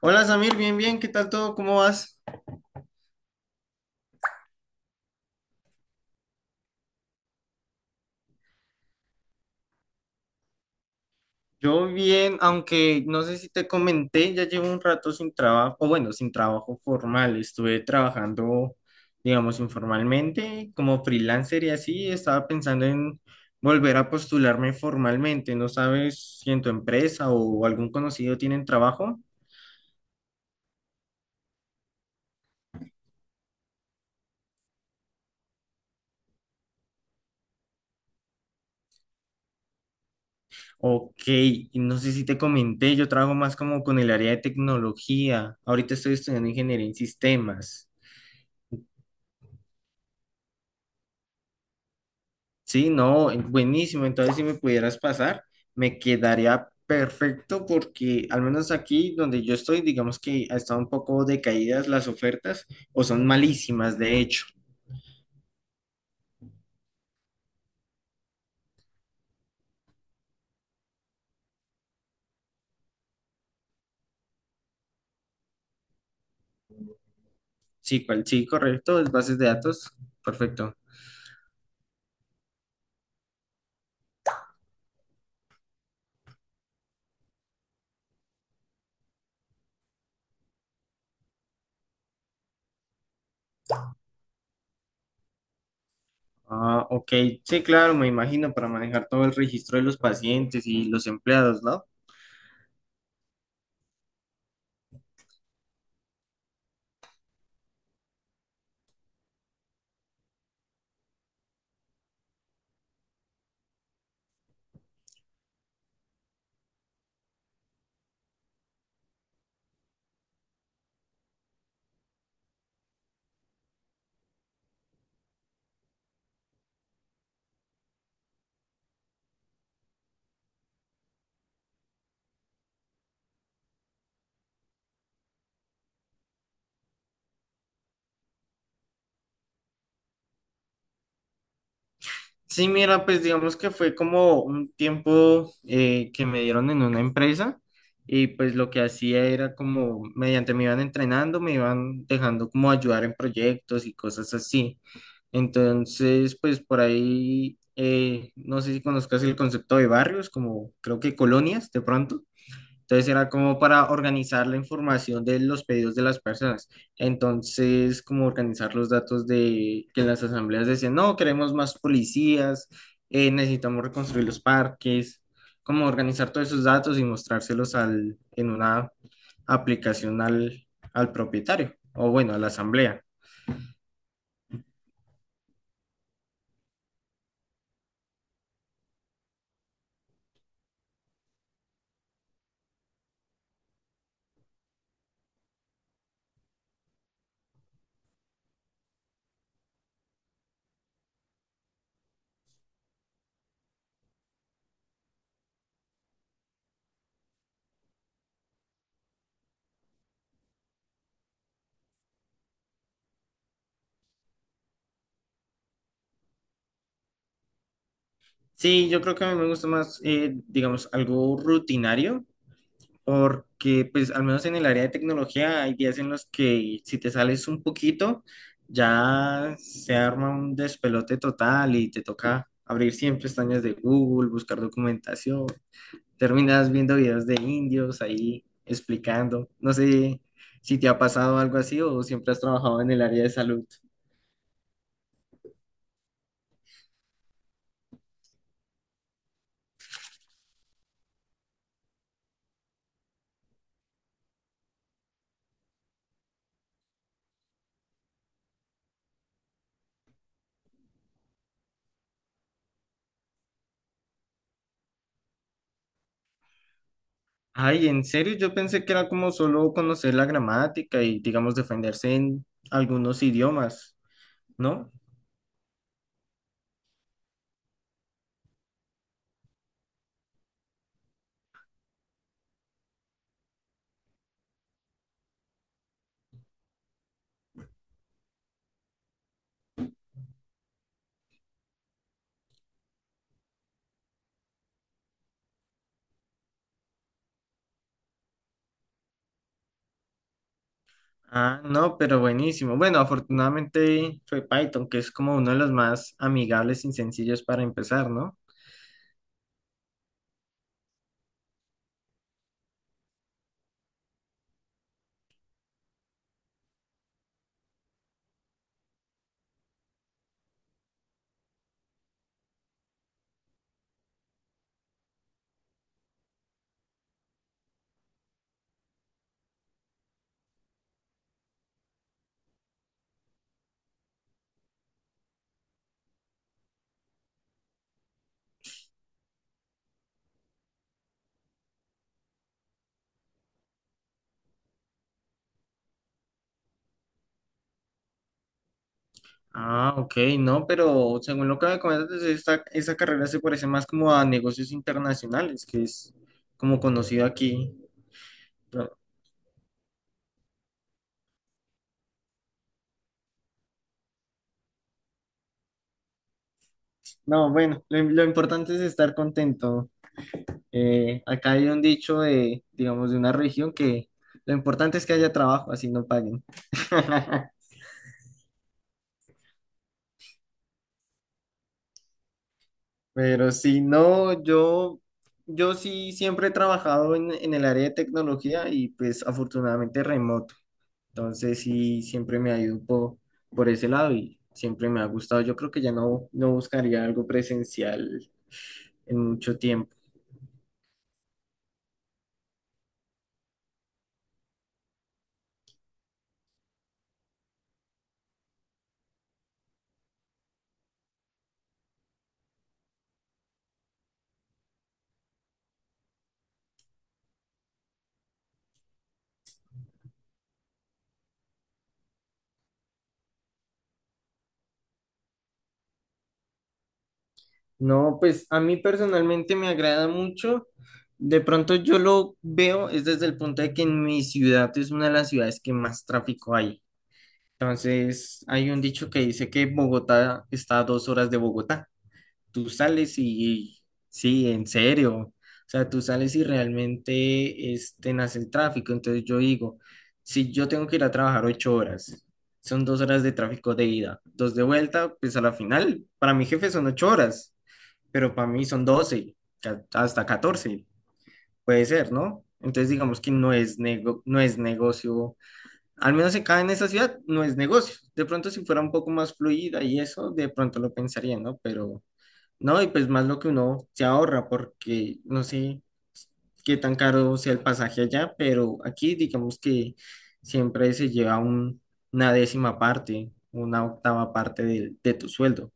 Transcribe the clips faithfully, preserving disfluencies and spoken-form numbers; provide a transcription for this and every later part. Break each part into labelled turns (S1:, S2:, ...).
S1: Hola Samir, bien, bien, ¿qué tal todo? ¿Cómo vas? Yo bien, aunque no sé si te comenté, ya llevo un rato sin trabajo, o bueno, sin trabajo formal, estuve trabajando, digamos, informalmente, como freelancer y así, estaba pensando en volver a postularme formalmente. ¿No sabes si en tu empresa o algún conocido tienen trabajo? Ok, y no sé si te comenté, yo trabajo más como con el área de tecnología, ahorita estoy estudiando ingeniería en sistemas. Sí, no, eh, buenísimo. Entonces, si me pudieras pasar, me quedaría perfecto porque al menos aquí donde yo estoy, digamos que ha estado un poco decaídas las ofertas o son malísimas, de hecho. Sí, cual, sí, correcto, es bases de datos, perfecto. Ah, ok, sí, claro, me imagino para manejar todo el registro de los pacientes y los empleados, ¿no? Sí, mira, pues digamos que fue como un tiempo eh, que me dieron en una empresa y pues lo que hacía era como mediante me iban entrenando, me iban dejando como ayudar en proyectos y cosas así. Entonces, pues por ahí, eh, no sé si conozcas el concepto de barrios, como creo que colonias de pronto. Entonces era como para organizar la información de los pedidos de las personas. Entonces, como organizar los datos de que en las asambleas decían, no, queremos más policías, eh, necesitamos reconstruir los parques, como organizar todos esos datos y mostrárselos al, en una aplicación al, al propietario o bueno, a la asamblea. Sí, yo creo que a mí me gusta más, eh, digamos, algo rutinario porque pues al menos en el área de tecnología hay días en los que si te sales un poquito ya se arma un despelote total y te toca abrir siempre pestañas de Google, buscar documentación, terminas viendo videos de indios ahí explicando, no sé si te ha pasado algo así o siempre has trabajado en el área de salud. Ay, en serio, yo pensé que era como solo conocer la gramática y digamos defenderse en algunos idiomas, ¿no? Ah, no, pero buenísimo. Bueno, afortunadamente fue Python, que es como uno de los más amigables y sencillos para empezar, ¿no? Ah, ok, no, pero según lo que me comentas, pues, esta, esa carrera se parece más como a negocios internacionales, que es como conocido aquí. Pero- no, bueno, lo, lo importante es estar contento. Eh, acá hay un dicho de, digamos, de una región que lo importante es que haya trabajo, así no paguen. Pero si no, yo, yo sí siempre he trabajado en, en el área de tecnología y pues afortunadamente remoto. Entonces sí, siempre me ha ido un po- por ese lado y siempre me ha gustado. Yo creo que ya no, no buscaría algo presencial en mucho tiempo. No, pues a mí personalmente me agrada mucho. De pronto yo lo veo es desde el punto de que en mi ciudad es una de las ciudades que más tráfico hay. Entonces hay un dicho que dice que Bogotá está a dos horas de Bogotá. Tú sales y, y sí, en serio, o sea, tú sales y realmente este, nace el tráfico. Entonces yo digo, si yo tengo que ir a trabajar ocho horas, son dos horas de tráfico de ida, dos de vuelta, pues a la final, para mi jefe son ocho horas, pero para mí son doce, ca- hasta catorce, puede ser, ¿no? Entonces digamos que no es nego- no es negocio, al menos acá en esa ciudad no es negocio. De pronto si fuera un poco más fluida y eso, de pronto lo pensaría, ¿no? Pero no, y pues más lo que uno se ahorra, porque no sé qué tan caro sea el pasaje allá, pero aquí digamos que siempre se lleva un- una décima parte, una octava parte del- de, tu sueldo.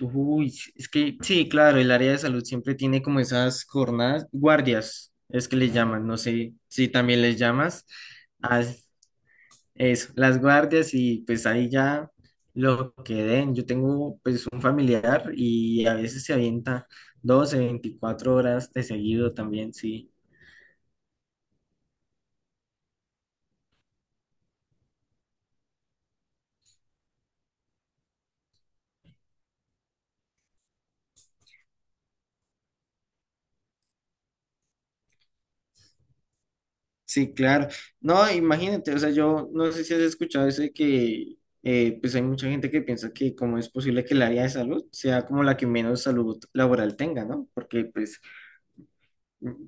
S1: Uy, es que sí, claro, el área de salud siempre tiene como esas jornadas, guardias, es que les llaman, no sé si también les llamas. Eso, las guardias y pues ahí ya lo que den. Yo tengo pues un familiar y a veces se avienta doce, veinticuatro horas de seguido también, sí. Sí, claro. No, imagínate, o sea, yo no sé si has escuchado eso de que eh, pues hay mucha gente que piensa que cómo es posible que el área de salud sea como la que menos salud laboral tenga, ¿no? Porque pues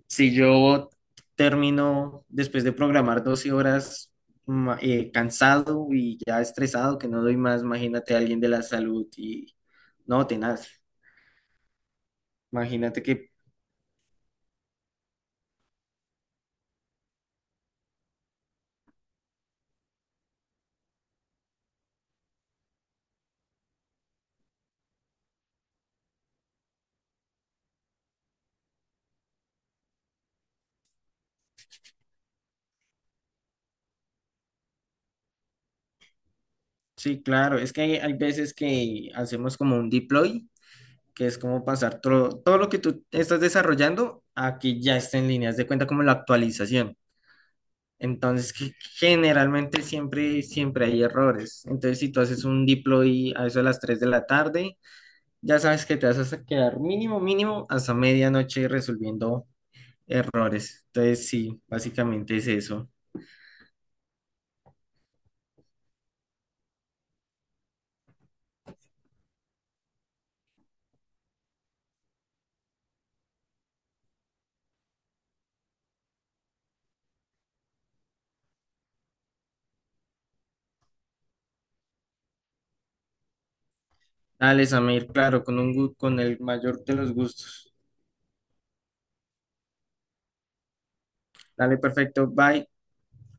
S1: si yo termino después de programar doce horas ma- eh, cansado y ya estresado, que no doy más, imagínate a alguien de la salud y no, tenaz. Imagínate que, sí, claro, es que hay, hay veces que hacemos como un deploy, que es como pasar todo, todo lo que tú estás desarrollando a que ya está en línea, haz de cuenta como la actualización. Entonces, que generalmente siempre, siempre hay errores. Entonces, si tú haces un deploy a eso de las tres de la tarde, ya sabes que te vas a quedar mínimo, mínimo hasta medianoche resolviendo errores. Entonces, sí, básicamente es eso. Dale, Samir, claro, con un, gu- con el mayor de los gustos. Dale, perfecto, bye.